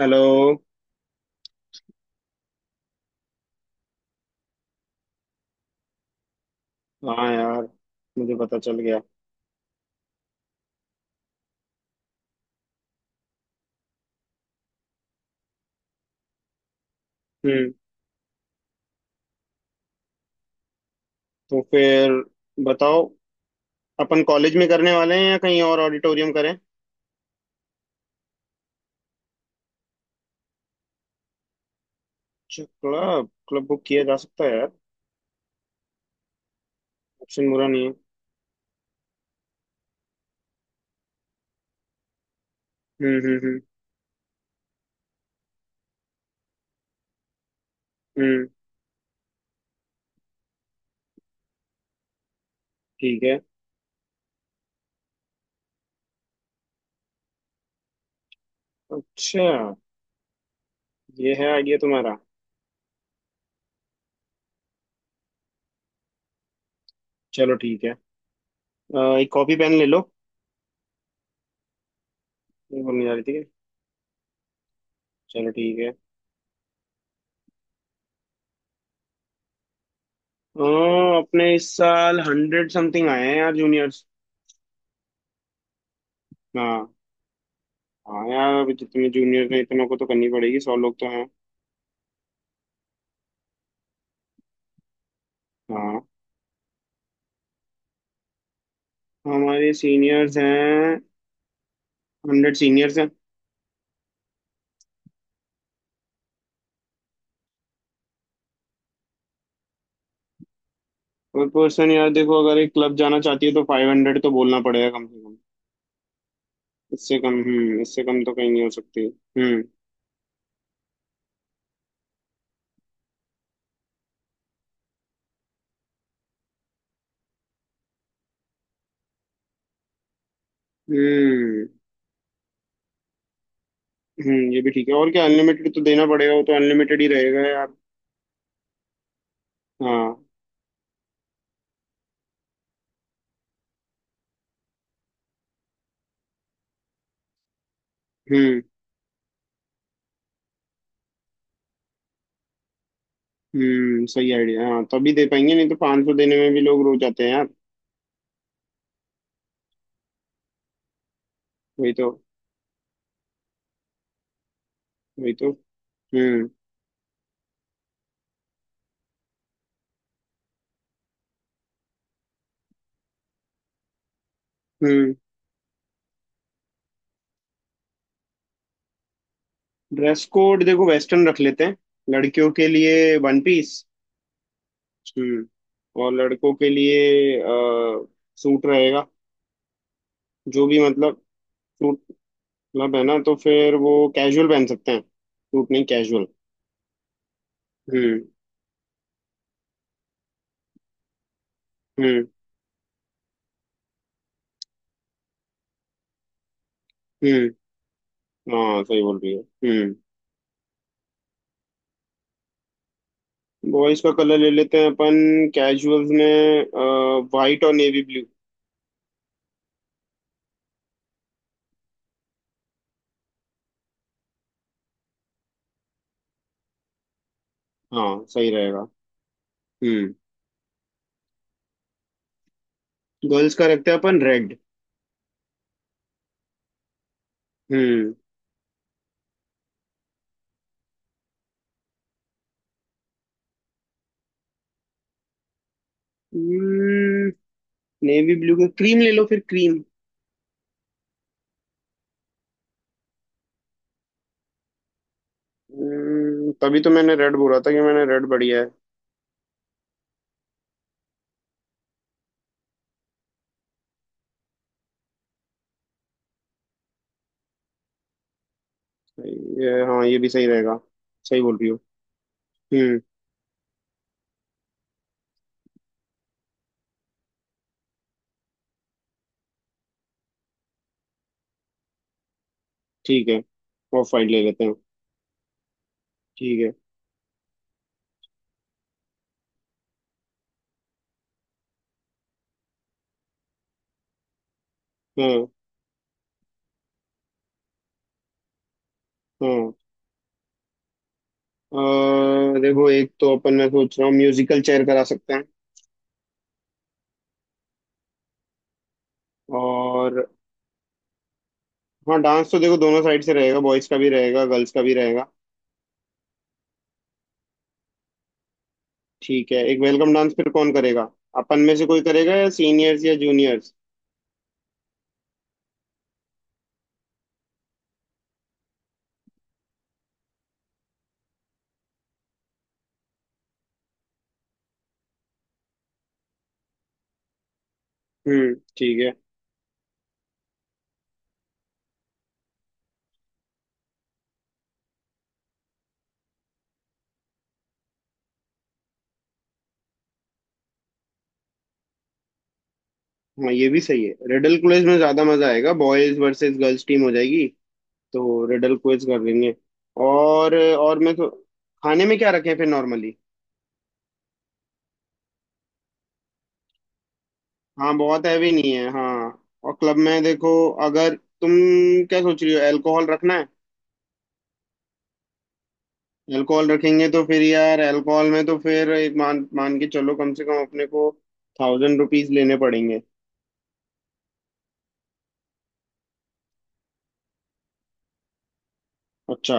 Hello. हाँ यार, मुझे पता चल गया। हम्म। तो फिर बताओ, अपन कॉलेज में करने वाले हैं या कहीं और ऑडिटोरियम करें? अच्छा, क्लब क्लब बुक किया जा सकता है यार। ऑप्शन बुरा नहीं है। हम्म हम्म हम्म हम्म। ठीक है। अच्छा, ये है आइडिया तुम्हारा? चलो ठीक है। एक कॉपी पेन ले लो। ये भूल नहीं जा रही थी। चलो ठीक है। अपने इस साल 100 समथिंग आए हैं यार जूनियर्स। हाँ। हाँ यार, अभी जितने जूनियर हैं इतनों को तो करनी पड़ेगी, 100 लोग तो हैं। हाँ। हमारे सीनियर्स हैं, 100 सीनियर्स हैं। पर पर्सन यार देखो, अगर एक क्लब जाना चाहती है तो 500 तो बोलना पड़ेगा कम से कम। इससे कम तो कहीं नहीं हो सकती। हम्म। हम्म हम्म। ये भी ठीक है और क्या, अनलिमिटेड तो देना पड़ेगा, वो तो अनलिमिटेड ही रहेगा यार। हाँ। हम्म सही आइडिया है। हाँ तभी दे पाएंगे, नहीं तो 500 देने में भी लोग रो जाते हैं यार। वही तो। वही तो। हम्म हम्म। ड्रेस कोड देखो, वेस्टर्न रख लेते हैं, लड़कियों के लिए वन पीस। हम्म। और लड़कों के लिए सूट रहेगा। जो भी मतलब सूट मतलब, है ना, तो फिर वो कैजुअल पहन सकते हैं, सूट नहीं, कैजुअल। हम्म हम्म हम्म हाँ सही बोल रही है। हम्म। बॉयज का कलर ले लेते हैं अपन, कैजुअल्स में वाइट और नेवी ब्लू। हाँ सही रहेगा। हम्म। गर्ल्स का रखते हैं अपन रेड। हम्म। नेवी ब्लू का क्रीम ले लो, फिर क्रीम। तभी तो मैंने रेड बोला था, कि मैंने रेड बढ़िया है। ये हाँ, ये भी सही रहेगा। सही बोल रही हो। हम्म। ठीक है, ऑफ वाइट ले लेते हैं। ठीक है। हाँ हाँ। देखो एक तो अपन मैं सोच रहा हूँ म्यूजिकल चेयर करा सकते हैं। और हाँ डांस तो देखो, दोनों साइड से रहेगा, बॉयज का भी रहेगा गर्ल्स का भी रहेगा। ठीक है, एक वेलकम डांस फिर कौन करेगा? अपन में से कोई करेगा या सीनियर्स या जूनियर्स? ठीक है। हाँ ये भी सही है, रिडल क्विज में ज्यादा मजा आएगा, बॉयज वर्सेस गर्ल्स टीम हो जाएगी। तो रिडल क्विज कर लेंगे। और मैं तो खाने में क्या रखें फिर नॉर्मली? हाँ बहुत हैवी नहीं है, हाँ। और क्लब में देखो, अगर तुम क्या सोच रही हो, अल्कोहल रखना है? अल्कोहल रखेंगे तो फिर यार, अल्कोहल में तो फिर एक मान मान के चलो, कम से कम अपने को 1,000 रुपीज लेने पड़ेंगे। अच्छा।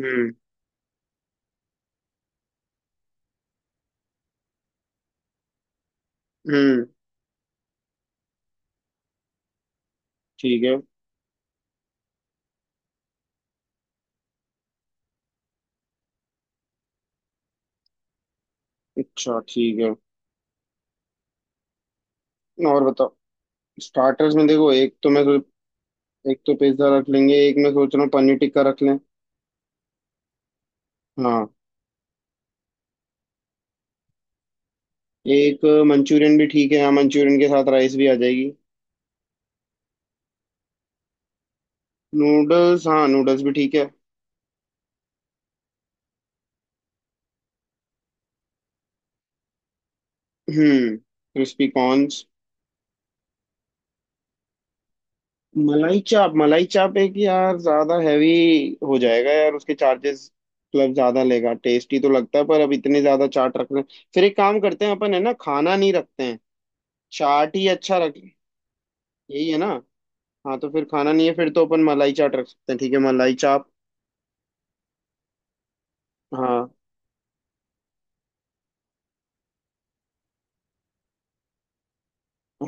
हम्म हम्म ठीक है। अच्छा ठीक है, और बताओ स्टार्टर्स में देखो, एक तो मैं। एक तो पिज्जा रख लेंगे, एक मैं सोच रहा हूँ पनीर टिक्का रख लें। हाँ, एक मंचूरियन भी ठीक है, हाँ मंचूरियन के साथ राइस भी आ जाएगी। नूडल्स हाँ नूडल्स भी ठीक है। Crispy corns. मलाई चाप, मलाई चाप एक यार ज्यादा हैवी हो जाएगा यार, उसके चार्जेस मतलब ज्यादा लेगा। टेस्टी तो लगता है पर अब इतने ज्यादा चाट रख रहे हैं, फिर एक काम करते हैं अपन, है ना, खाना नहीं रखते हैं। चाट ही अच्छा रख, यही है ना। हाँ तो फिर खाना नहीं है, फिर तो अपन मलाई चाट रख सकते हैं, ठीक है मलाई चाप। हाँ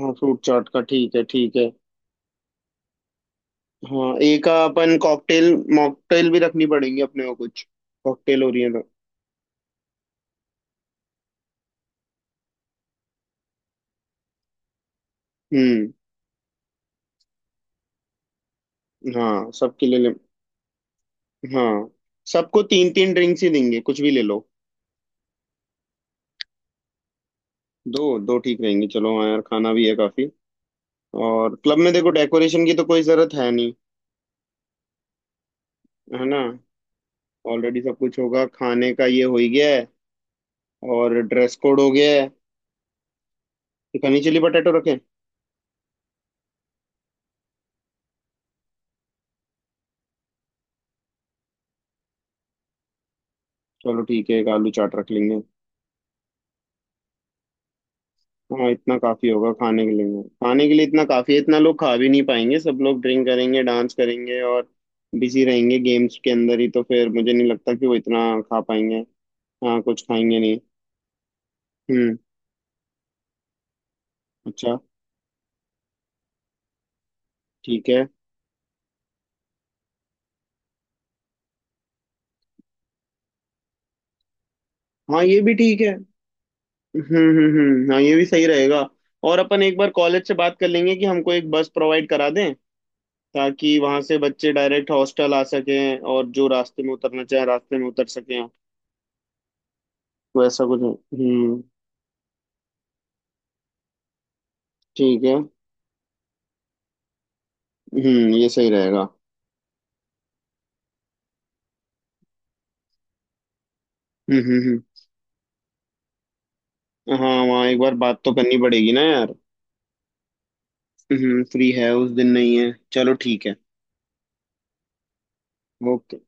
हाँ, फ्रूट चाट का ठीक है, ठीक है। हाँ एक अपन कॉकटेल मॉकटेल भी रखनी पड़ेगी अपने को कुछ, कॉकटेल हो रही है तो। हम्म। हाँ सबके लिए ले, हाँ सबको तीन तीन ड्रिंक्स ही देंगे, कुछ भी ले लो। दो दो ठीक रहेंगे, चलो हाँ यार खाना भी है काफी। और क्लब में देखो, डेकोरेशन की तो कोई जरूरत है नहीं, है ना, ऑलरेडी सब कुछ होगा, खाने का ये हो ही गया है। और ड्रेस कोड हो गया है। एक हनी चिली पटेटो रखें। चलो ठीक है, एक आलू चाट रख लेंगे। हाँ इतना काफी होगा खाने के लिए, खाने के लिए इतना काफी है, इतना लोग खा भी नहीं पाएंगे, सब लोग ड्रिंक करेंगे डांस करेंगे और बिजी रहेंगे गेम्स के अंदर ही, तो फिर मुझे नहीं लगता कि वो इतना खा पाएंगे। हाँ कुछ खाएंगे नहीं। हम्म। अच्छा ठीक है। हाँ ये भी ठीक है। हाँ ये भी सही रहेगा। और अपन एक बार कॉलेज से बात कर लेंगे कि हमको एक बस प्रोवाइड करा दें, ताकि वहां से बच्चे डायरेक्ट हॉस्टल आ सकें और जो रास्ते में उतरना चाहे रास्ते में उतर सकें, वैसा कुछ। ठीक है। ये सही रहेगा। हम्म हम्म हम्म। हाँ वहाँ एक बार बात तो करनी पड़ेगी ना यार। फ्री है उस दिन? नहीं है, चलो ठीक है। ओके।